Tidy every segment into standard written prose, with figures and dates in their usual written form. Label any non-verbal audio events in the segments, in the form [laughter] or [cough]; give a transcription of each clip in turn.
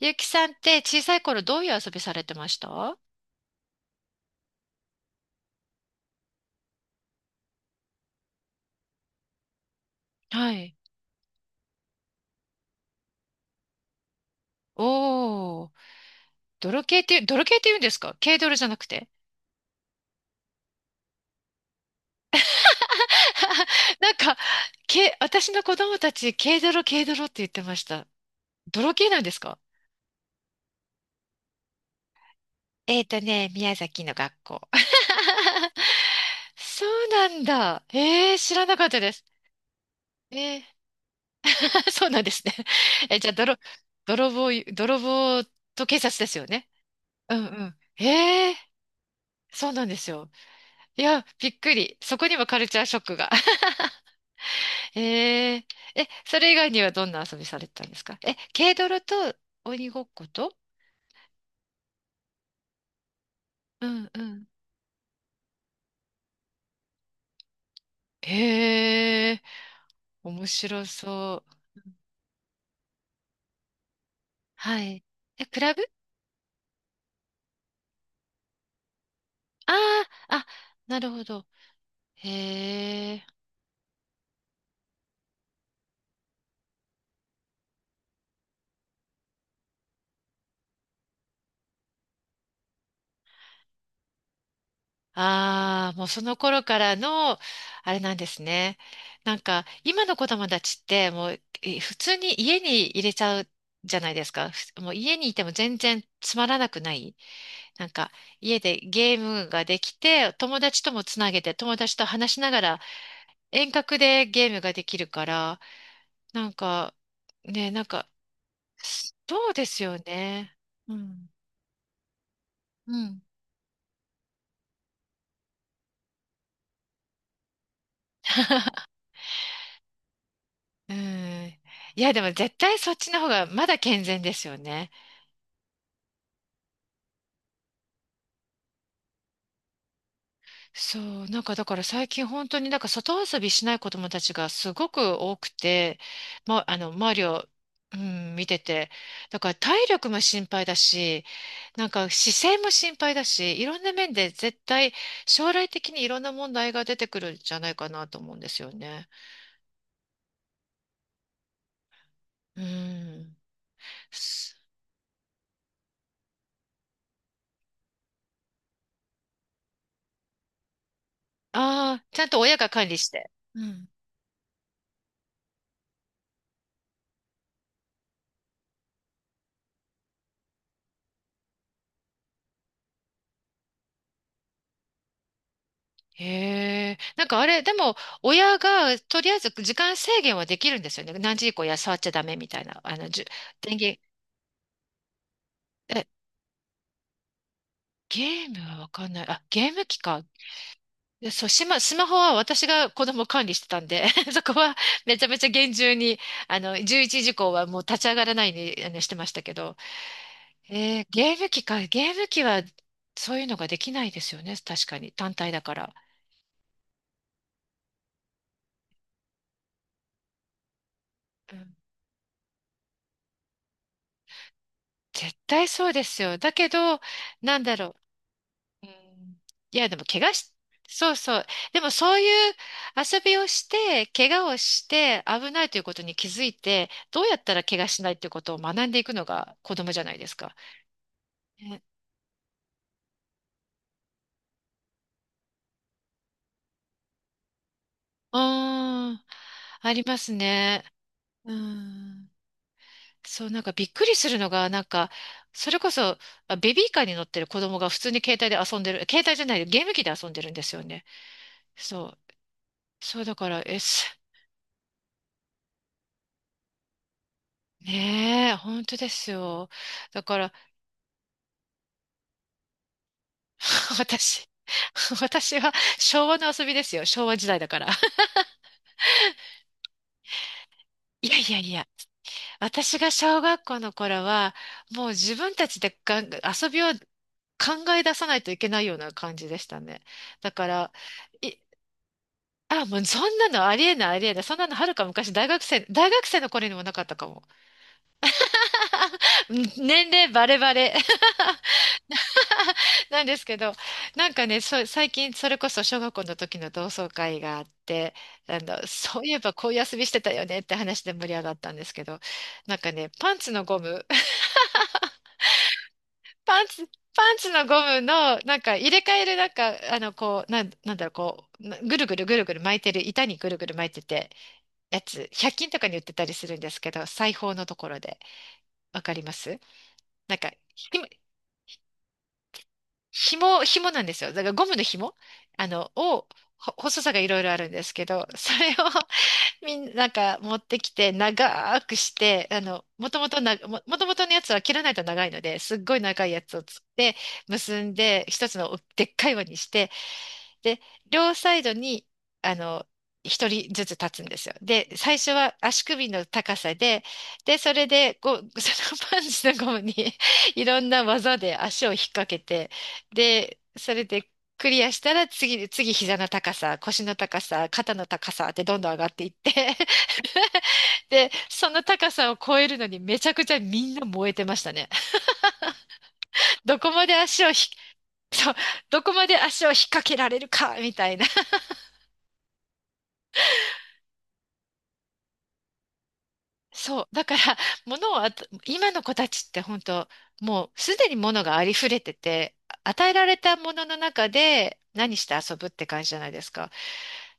ゆきさんって小さい頃どういう遊びされてました？はい。おー、泥系っていう、泥系って言うんですか？軽泥じゃなくて。[laughs] なんか、私の子供たち、軽泥、軽泥って言ってました。泥系なんですか？宮崎の学校。[laughs] そうなんだ。えー、知らなかったです。えー、[laughs] そうなんですね。え、じゃあ、泥棒と警察ですよね。うんうん。えー、そうなんですよ。いや、びっくり。そこにもカルチャーショックが。[laughs] えええ、それ以外にはどんな遊びされてたんですか？軽泥と鬼ごっこと、うんうん。ええ、面白そう。はい。え、クラブ？ああー、あ、なるほど。へえ。ああー、もうその頃からの、あれなんですね。なんか、今の子供たちって、もう、普通に家に入れちゃうじゃないですか。もう家にいても全然つまらなくない？なんか家でゲームができて、友達ともつなげて、友達と話しながら遠隔でゲームができるから、なんかね、なんか、そうですよね。うん。うん。うん。[laughs] いや、でも絶対そっちの方がまだ健全ですよね。そう。なんかだから最近本当になんか外遊びしない子供たちがすごく多くて、ま、周りを、うん、見てて。だから体力も心配だし、なんか姿勢も心配だし、いろんな面で絶対将来的にいろんな問題が出てくるんじゃないかなと思うんですよね。うん。ああ、ちゃんと親が管理して。うん。へえ。なんかあれ、でも親がとりあえず時間制限はできるんですよね。何時以降や触っちゃダメみたいな。電源、え、ゲームはわかんない。あ、ゲーム機か。でそう、スマホは私が子供を管理してたんで、[laughs] そこはめちゃめちゃ厳重に、11時以降はもう立ち上がらないようにしてましたけど、ゲーム機か、ゲーム機はそういうのができないですよね、確かに、単体だから。うん。絶対そうですよ。だけど、なんだろう。うん、いや、でも怪我し、そうそう。でもそういう遊びをして、怪我をして危ないということに気づいて、どうやったら怪我しないということを学んでいくのが子供じゃないですか。ね。うーん、ありますね。うん。そう、なんかびっくりするのが、なんか、それこそ、あ、ベビーカーに乗ってる子供が普通に携帯で遊んでる、携帯じゃない、ゲーム機で遊んでるんですよね。そう。そうだから、ねえ、本当ですよ。だから、[laughs] 私、私は昭和の遊びですよ。昭和時代だから。[laughs] いやいやいや。私が小学校の頃は、もう自分たちで遊びを考え出さないといけないような感じでしたね。だから、い、あ、もうそんなのありえないありえない。そんなのはるか昔大学生の頃にもなかったかも。[laughs] 年齢バレバレ。[laughs] [laughs] なんですけど、なんかね、そう、最近それこそ小学校の時の同窓会があって、そういえばこういう遊びしてたよねって話で盛り上がったんですけど、なんかね、パンツのゴム、[laughs] パンツ、パンツのゴムの、なんか入れ替える、なんか、こう、なんだろう、こう、ぐるぐるぐるぐる巻いてる、板にぐるぐる巻いてて、やつ、100均とかに売ってたりするんですけど、裁縫のところで、わかります？なんか、紐なんですよ。だからゴムの紐、を、細さがいろいろあるんですけど、[laughs] それを [laughs] みんな、持ってきて、長くして、もともとのやつは切らないと長いので、すっごい長いやつをつって、結んで、一つのでっかい輪にして、で、両サイドに、あの、一人ずつ立つんですよ。で、最初は足首の高さで、それで、こう、[laughs] そのパンチのゴムに [laughs] いろんな技で足を引っ掛けて、で、それでクリアしたら次膝の高さ、腰の高さ、肩の高さってどんどん上がっていって、[laughs] で、その高さを超えるのにめちゃくちゃみんな燃えてましたね。どこまで足をそう、どこまで足を引っ掛けられるか、みたいな。そう。だから、[laughs] あと、今の子たちって本当、もうすでに物がありふれてて、与えられたものの中で何して遊ぶって感じじゃないですか。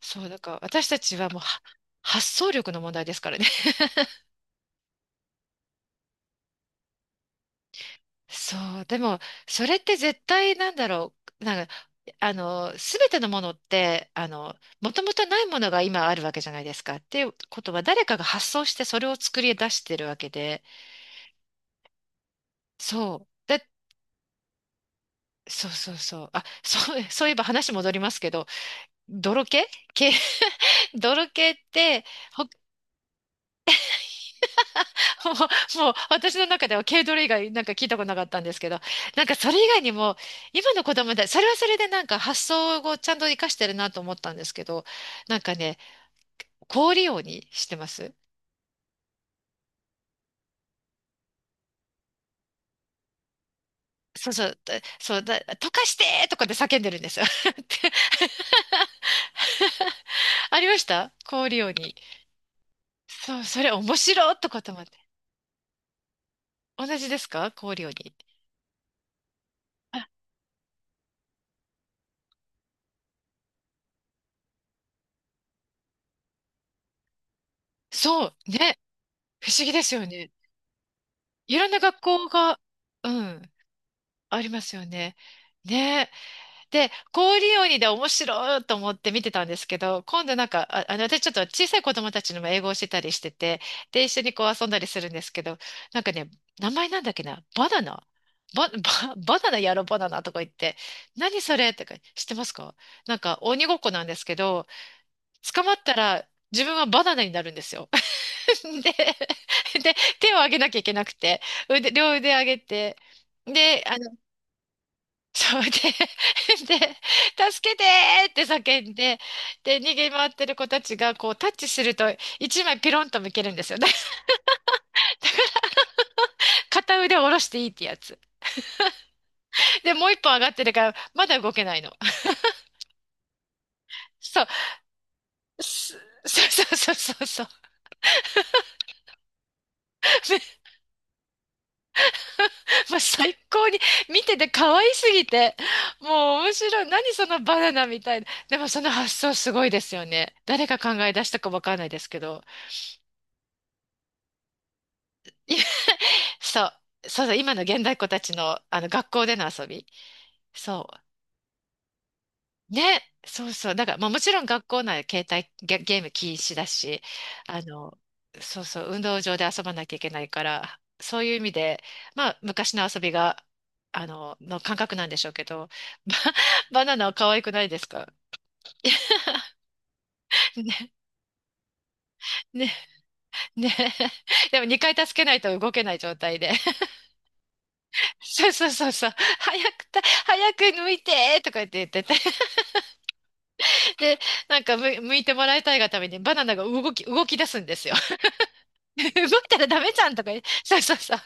そう。だから、私たちはもうは、発想力の問題ですからね。[laughs] そう。でも、それって絶対なんだろう。なんか、すべてのものって、もともとないものが今あるわけじゃないですか。っていうことは、誰かが発想してそれを作り出してるわけで、そう。そうそうそう。あ、そう、[laughs] そういえば話戻りますけど、泥系系、[laughs] 泥系って、ほ、[laughs] もう私の中では軽泥以外なんか聞いたことなかったんですけど、なんかそれ以外にも、今の子供だ、それはそれでなんか発想をちゃんと活かしてるなと思ったんですけど、なんかね、氷利用にしてます？そうそう、そうだ、溶かしてーとかで叫んでるんですよ。[laughs] って [laughs] ありました氷利用に？そう、それ面白いとかと思って。同じですか？氷利用に。そう、ね。不思議ですよね。いろんな学校が、うん、ありますよね。ね。で、氷鬼で面白いと思って見てたんですけど、今度なんか、あ、私ちょっと小さい子供たちにも英語をしてたりしてて、で、一緒にこう遊んだりするんですけど、なんかね、名前なんだっけな、バナナバ、バ、[laughs] バナナやろバナナとか言って、何それとか知ってますか？なんか鬼ごっこなんですけど、捕まったら自分はバナナになるんですよ。で、[laughs] で、手を上げなきゃいけなくて、両腕上げて、で、そうで、[laughs] で、助けてーって叫んで、で、逃げ回ってる子たちが、こう、タッチすると、一枚ピロンと向けるんですよ。[laughs] 片腕を下ろしていいってやつ。で、もう一本上がってるから、まだ動けないの。そう、[laughs] そうそうそうそうそう。もう最高に見てて可愛すぎて、もう面白い。何そのバナナみたいな。でもその発想すごいですよね。誰が考え出したかわかんないですけど。いそう、そうそう、今の現代っ子たちの、あの学校での遊び。そう。ね、そうそう。だから、まあもちろん学校内で携帯ゲーム禁止だし、あの、そうそう、運動場で遊ばなきゃいけないから、そういう意味で、まあ昔の遊びが、の感覚なんでしょうけど、[laughs] バナナは可愛くないですか？ [laughs] ね、ね、ね。[laughs] でも2回助けないと動けない状態で。[laughs] そうそうそうそう。早く抜いてとか言ってて。[laughs] で、なんか向いてもらいたいがためにバナナが動き出すんですよ。[laughs] 動いたらダメじゃんとか言う、そうそうそう、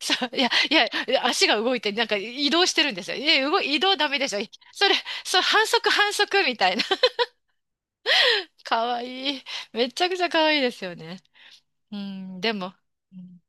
そう、いや、いや、いや足が動いて、なんか移動してるんですよ。え、移動ダメでしょ。それ、そう、反則反則みたいな。[laughs] かわいい。めちゃくちゃかわいいですよね。うん、でも、うん